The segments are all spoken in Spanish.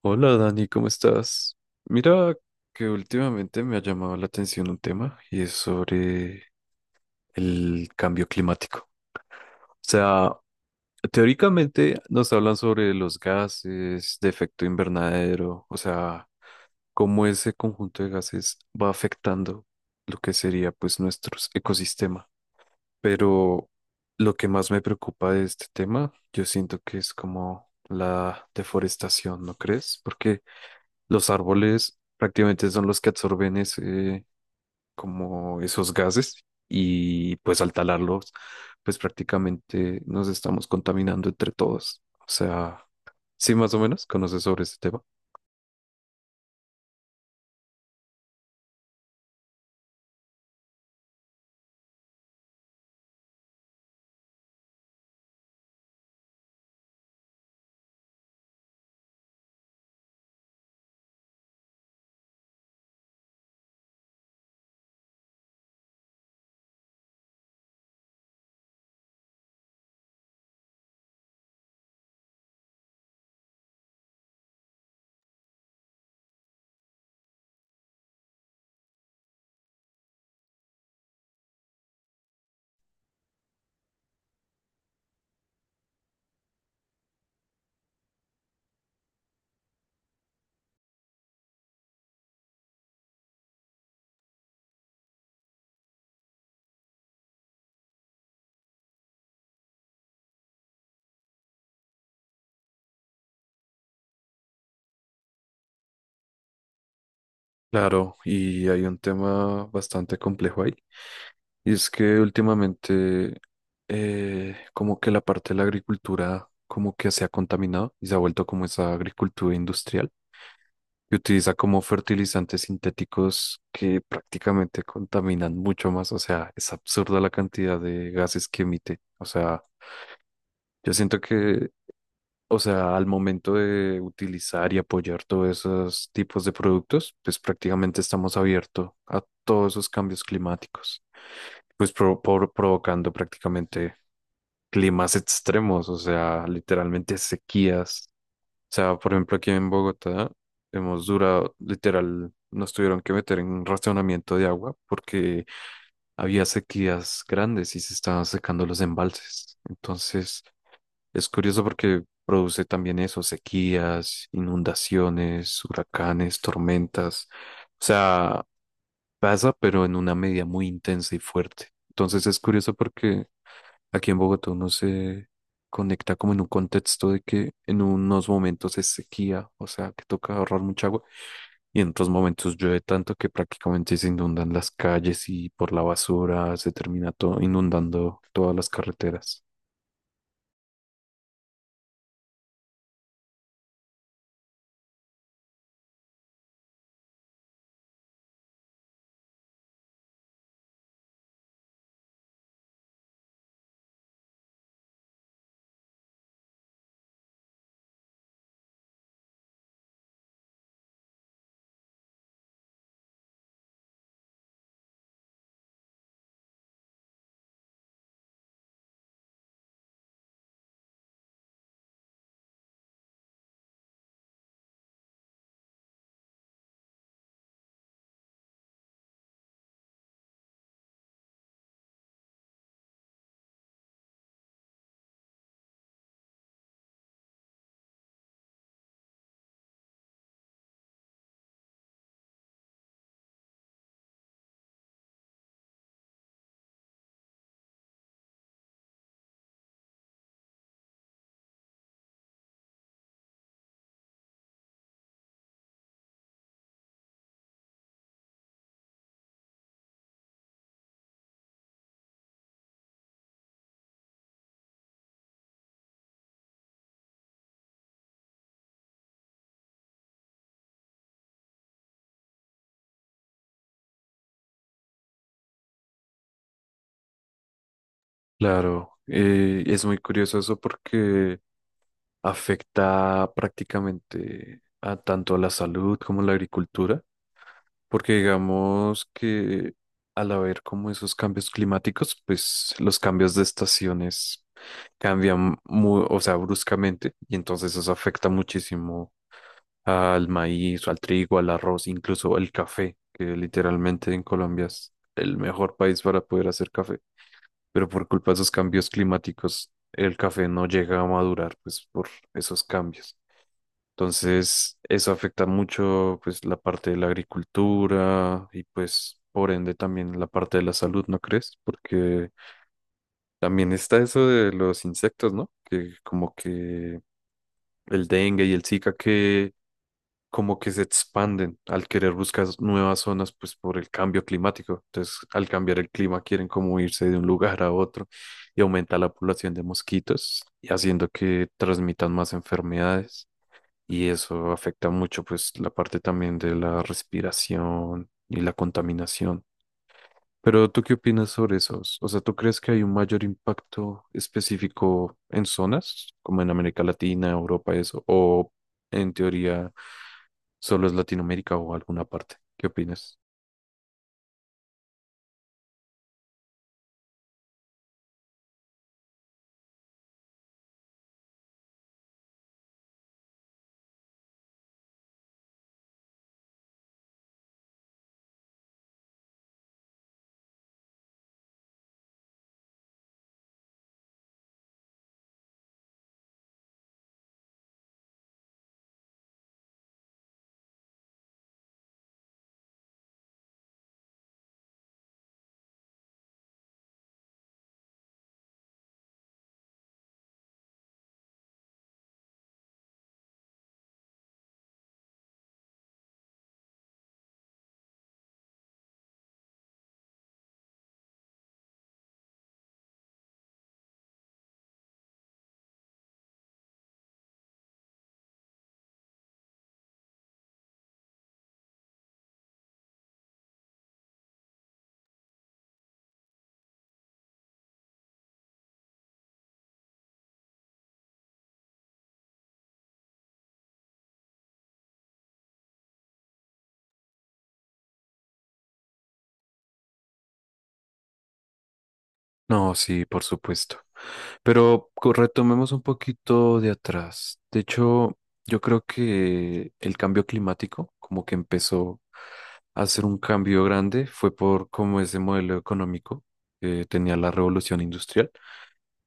Hola Dani, ¿cómo estás? Mira que últimamente me ha llamado la atención un tema y es sobre el cambio climático. O sea, teóricamente nos hablan sobre los gases de efecto invernadero, o sea, cómo ese conjunto de gases va afectando lo que sería pues nuestro ecosistema. Pero lo que más me preocupa de este tema, yo siento que es como la deforestación, ¿no crees? Porque los árboles prácticamente son los que absorben ese, como esos gases y pues al talarlos, pues prácticamente nos estamos contaminando entre todos. O sea, sí, más o menos conoces sobre este tema. Claro, y hay un tema bastante complejo ahí. Y es que últimamente como que la parte de la agricultura como que se ha contaminado y se ha vuelto como esa agricultura industrial que utiliza como fertilizantes sintéticos que prácticamente contaminan mucho más. O sea, es absurda la cantidad de gases que emite. O sea, yo siento que, o sea, al momento de utilizar y apoyar todos esos tipos de productos, pues prácticamente estamos abiertos a todos esos cambios climáticos, pues provocando prácticamente climas extremos, o sea, literalmente sequías sea, por ejemplo, aquí en Bogotá hemos durado, literal, nos tuvieron que meter en un racionamiento de agua porque había sequías grandes y se estaban secando los embalses. Entonces, es curioso porque produce también eso, sequías, inundaciones, huracanes, tormentas. O sea, pasa, pero en una medida muy intensa y fuerte. Entonces, es curioso porque aquí en Bogotá uno se conecta como en un contexto de que en unos momentos es sequía, o sea, que toca ahorrar mucha agua, y en otros momentos llueve tanto que prácticamente se inundan las calles y por la basura se termina todo inundando todas las carreteras. Claro, es muy curioso eso porque afecta prácticamente a tanto a la salud como a la agricultura. Porque digamos que al haber como esos cambios climáticos, pues los cambios de estaciones cambian muy, o sea, bruscamente y entonces eso afecta muchísimo al maíz, al trigo, al arroz, incluso al café, que literalmente en Colombia es el mejor país para poder hacer café, pero por culpa de esos cambios climáticos el café no llega a madurar, pues por esos cambios. Entonces, eso afecta mucho pues la parte de la agricultura y pues por ende también la parte de la salud, ¿no crees? Porque también está eso de los insectos, ¿no? Que como que el dengue y el Zika que como que se expanden al querer buscar nuevas zonas pues por el cambio climático. Entonces, al cambiar el clima quieren como irse de un lugar a otro y aumenta la población de mosquitos y haciendo que transmitan más enfermedades y eso afecta mucho pues la parte también de la respiración y la contaminación. Pero ¿tú qué opinas sobre esos? O sea, ¿tú crees que hay un mayor impacto específico en zonas como en América Latina, Europa, eso? ¿O en teoría solo es Latinoamérica o alguna parte? ¿Qué opinas? No, sí, por supuesto. Pero retomemos un poquito de atrás. De hecho, yo creo que el cambio climático, como que empezó a hacer un cambio grande, fue por como ese modelo económico que tenía la revolución industrial,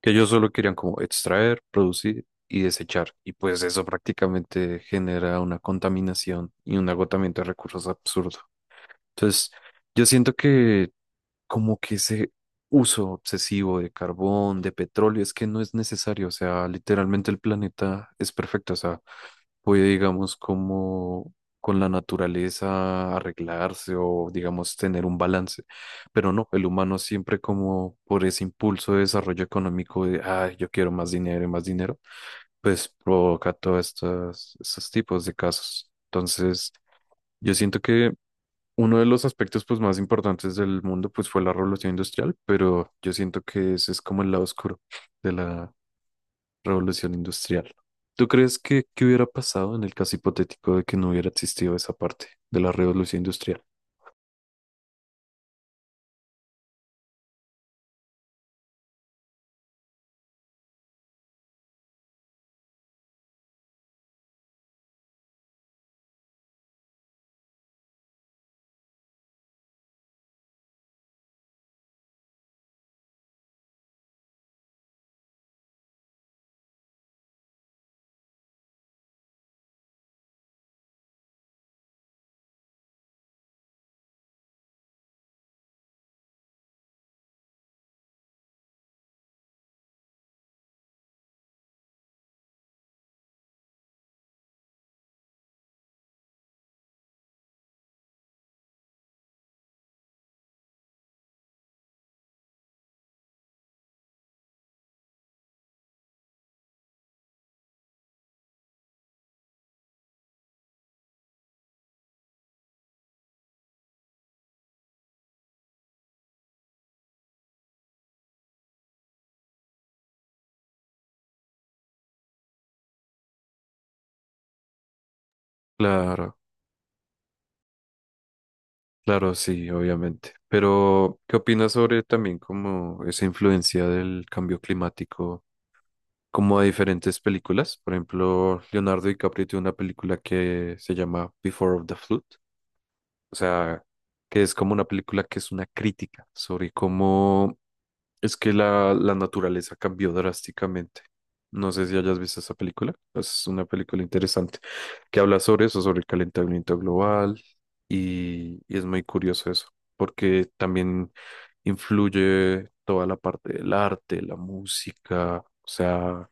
que ellos solo querían como extraer, producir y desechar. Y pues eso prácticamente genera una contaminación y un agotamiento de recursos absurdo. Entonces, yo siento que como que ese uso obsesivo de carbón, de petróleo, es que no es necesario, o sea, literalmente el planeta es perfecto, o sea, puede, digamos, como con la naturaleza arreglarse o, digamos, tener un balance, pero no, el humano siempre como por ese impulso de desarrollo económico de, ay, yo quiero más dinero y más dinero, pues provoca todos estos tipos de casos. Entonces, yo siento que uno de los aspectos pues más importantes del mundo pues fue la revolución industrial, pero yo siento que ese es como el lado oscuro de la revolución industrial. ¿Tú crees que qué hubiera pasado en el caso hipotético de que no hubiera existido esa parte de la revolución industrial? Claro, claro, sí, obviamente. Pero, ¿qué opinas sobre también como esa influencia del cambio climático como a diferentes películas? Por ejemplo, Leonardo DiCaprio tiene una película que se llama Before of the Flood. O sea, que es como una película que es una crítica sobre cómo es que la naturaleza cambió drásticamente. No sé si hayas visto esa película. Es una película interesante que habla sobre eso, sobre el calentamiento global y es muy curioso eso, porque también influye toda la parte del arte, la música, o sea,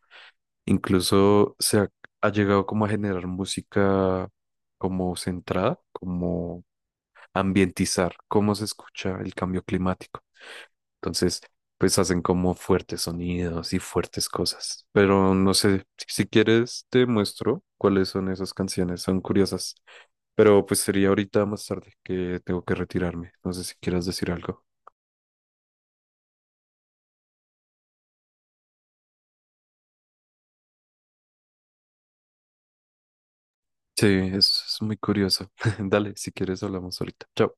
incluso se ha llegado como a generar música como centrada, ambientizar cómo se escucha el cambio climático. Entonces, pues hacen como fuertes sonidos y fuertes cosas. Pero no sé, si quieres te muestro cuáles son esas canciones, son curiosas. Pero pues sería ahorita más tarde que tengo que retirarme. No sé si quieras decir algo. Sí, es muy curioso. Dale, si quieres hablamos ahorita. Chao.